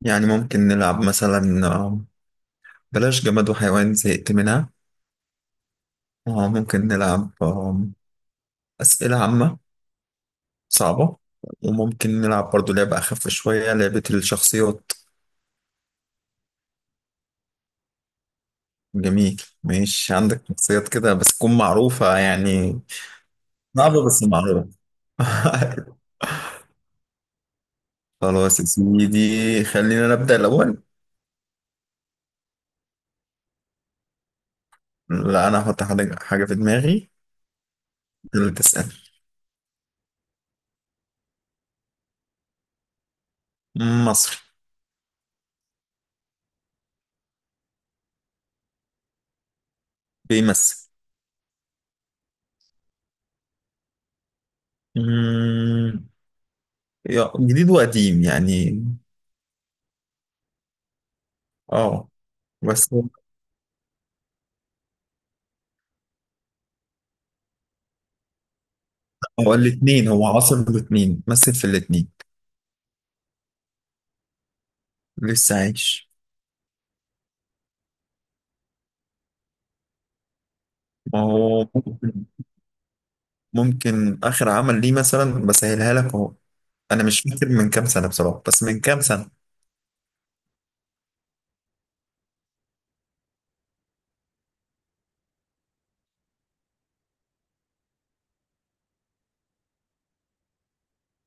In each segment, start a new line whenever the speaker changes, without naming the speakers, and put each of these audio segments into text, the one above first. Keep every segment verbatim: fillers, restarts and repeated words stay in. يعني ممكن نلعب مثلا آه، بلاش جماد وحيوان زهقت منها. آه، ممكن نلعب آه، أسئلة عامة صعبة. وممكن نلعب برضو لعبة أخف شوية، لعبة الشخصيات. جميل، ماشي، عندك شخصيات كده بس تكون معروفة يعني. صعبة بس معروفة. خلاص يا سيدي، خلينا نبدأ الأول. لا، أنا هحط حاجة حاجة في دماغي اللي تسأل. مصري. بيمثل. مم، يا- جديد وقديم يعني. اه. بس هو هو الاثنين، هو عاصر الاثنين، مثل في الاثنين. لسه عايش. ما هو ممكن، ممكن اخر عمل ليه مثلا بسهلها لك اهو. انا مش فاكر من كام سنه بصراحه، بس من كام سنه.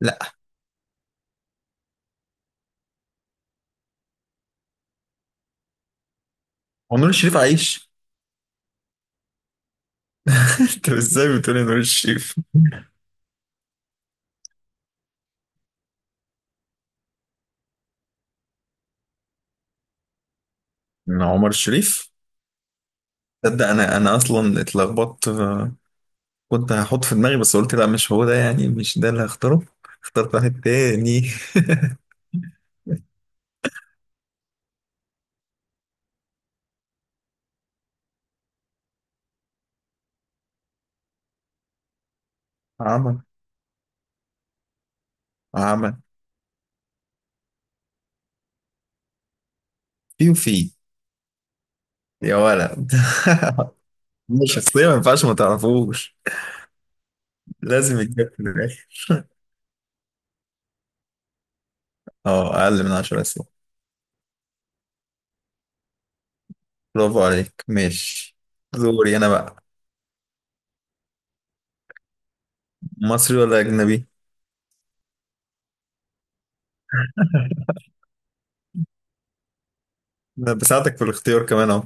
لا. هو نور الشريف عايش؟ انت ازاي بتقولي نور الشريف؟ من عمر الشريف. تصدق، انا انا اصلا اتلخبطت. آه، كنت هحط في دماغي بس قلت لا، مش هو ده، يعني مش ده اللي هختاره. اخترت واحد تاني. عمل عمل في وفي. يا ولد. مش شخصية، ما ينفعش ما تعرفوش، لازم يتجاب في الآخر. اه، أقل من عشرة أسئلة. برافو عليك، ماشي. دوري أنا بقى. مصري ولا أجنبي؟ أنا بساعدك في الاختيار كمان أهو.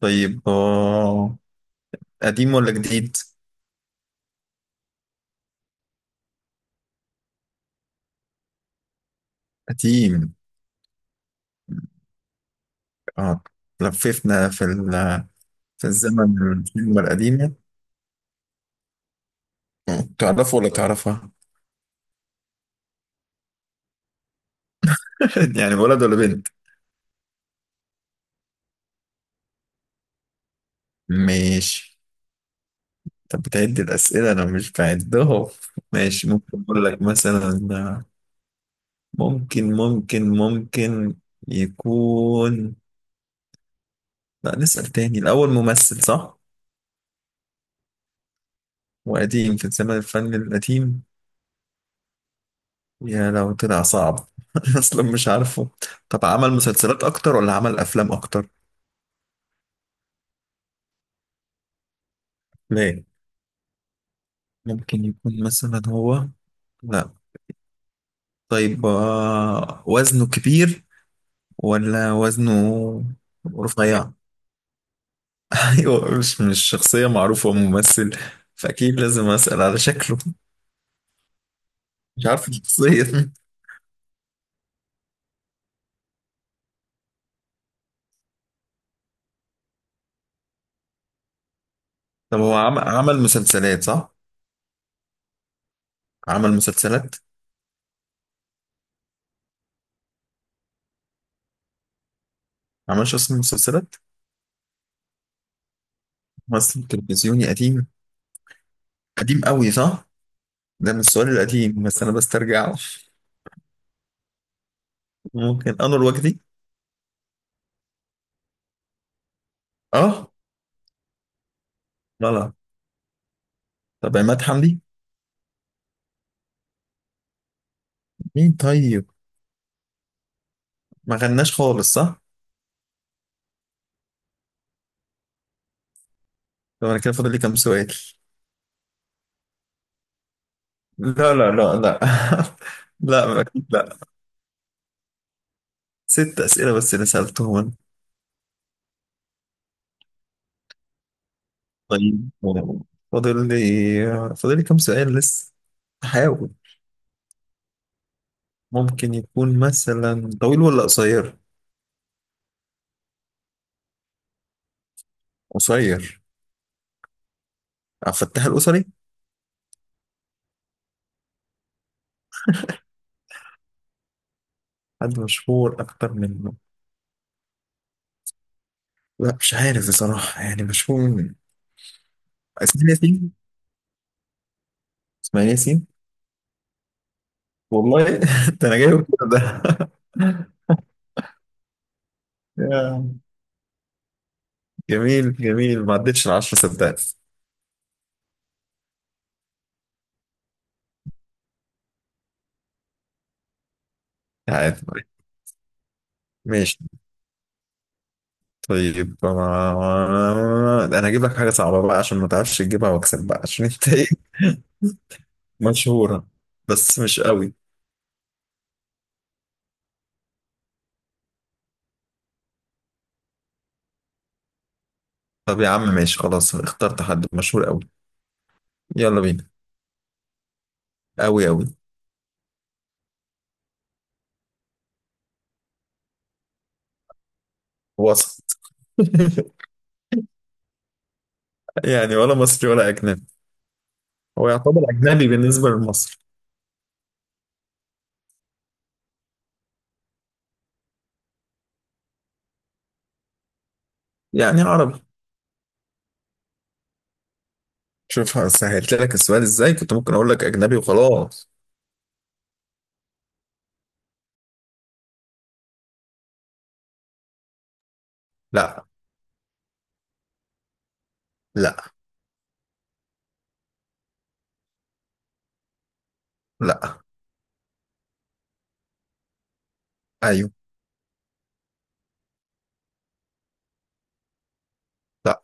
طيب، اه، قديم ولا جديد؟ قديم، اه، لففنا في ال... في الزمن، الكلمة القديمة. تعرفه ولا تعرفها؟ يعني ولد ولا بنت؟ ماشي. طب بتعد الأسئلة؟ أنا مش بعدهم. ماشي، ممكن أقول لك مثلا آه، ممكن ممكن ممكن يكون... لا، نسأل تاني. الأول ممثل صح، وقديم في زمن الفن القديم. يا لو طلع صعب. أصلا مش عارفه. طب عمل مسلسلات أكتر ولا عمل أفلام أكتر؟ لا. ممكن يكون مثلا هو... لا. طيب آه، وزنه كبير ولا وزنه رفيع؟ أيوه. مش مش شخصية معروفة، ممثل، فأكيد لازم أسأل على شكله. مش عارف الشخصية. طب هو عم- عمل مسلسلات صح؟ عمل مسلسلات؟ عملش اصلا مسلسلات؟ ممثل تلفزيوني قديم. قديم قوي صح؟ ده من السؤال القديم بس انا بسترجعه. ممكن انور وجدي؟ اه، غلط. طب عماد حمدي؟ مين طيب؟ ما غناش خالص صح؟ طب انا كده فاضل لي كام سؤال؟ لا، لا، لا، لا. لا، اكيد لا. ست اسئله بس اللي سالتهم انا. طيب، فاضل لي فاضل لي كام سؤال لسه. احاول. ممكن يكون مثلا طويل ولا قصير؟ قصير. عبد الفتاح الأسري؟ حد مشهور أكتر منه؟ لا، مش عارف بصراحة، يعني مشهور من... إسماعيل ياسين. إسماعيل ياسين. والله. ده أنا جايبه كده ده. يا. جميل جميل، ما عدتش العشرة صدقني. عادي. ماشي. طيب، ما- ده أنا هجيب لك حاجة صعبة بقى عشان ما تعرفش تجيبها وأكسب بقى عشان أنت إيه. مشهورة بس مش قوي. طب يا عم ماشي خلاص اخترت حد مشهور قوي. يلا بينا. قوي قوي. وسط. يعني ولا مصري ولا أجنبي. هو يعتبر أجنبي بالنسبة لمصر، يعني عربي. شوف سهلت لك السؤال إزاي. كنت ممكن أقول لك أجنبي وخلاص. لا. لا. لا. أيوه. لا.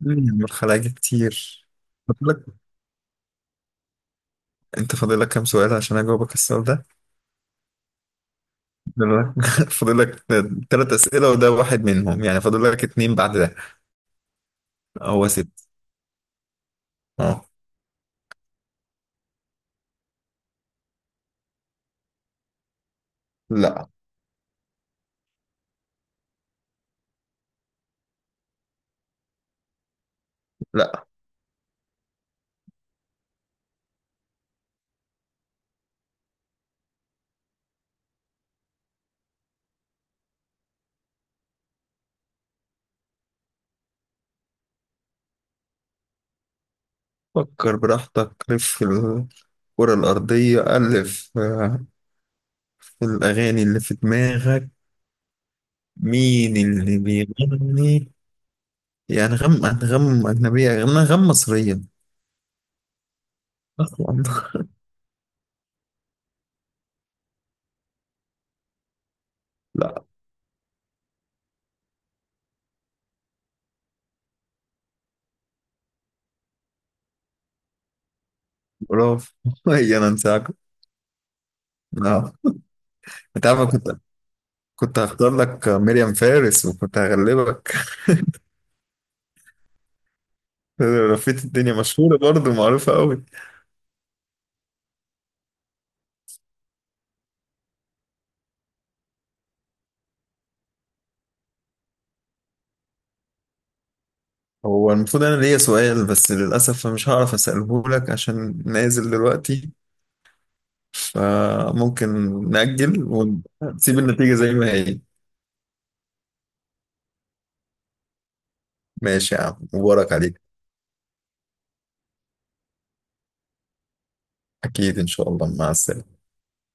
من الخلايا كتير. فاضل لك- أنت فاضل لك كام سؤال عشان أجاوبك السؤال ده. فاضل لك فاضل لك تلات أسئلة، وده واحد منهم، يعني فاضل لك اتنين بعد ده. هو ست. أه. لا. لا. فكر براحتك، لف في الكرة الأرضية ألف، آه، في الأغاني اللي في دماغك، مين اللي بيغني؟ يا أنغام، أنغام أجنبية يا أنغام مصرية؟ أصلا. لا. برافو. هي أنا أنساك؟ لا. أنت عارف، كنت كنت هختار لك مريم فارس وكنت هغلبك. لفيت الدنيا، مشهورة برضه معروفة قوي. هو المفروض أنا ليا سؤال بس للأسف مش هعرف أسأله لك عشان نازل دلوقتي. فممكن نأجل ونسيب النتيجة زي ما هي. ماشي يا عم، مبارك عليك. أكيد إن شاء الله، مع السلامة.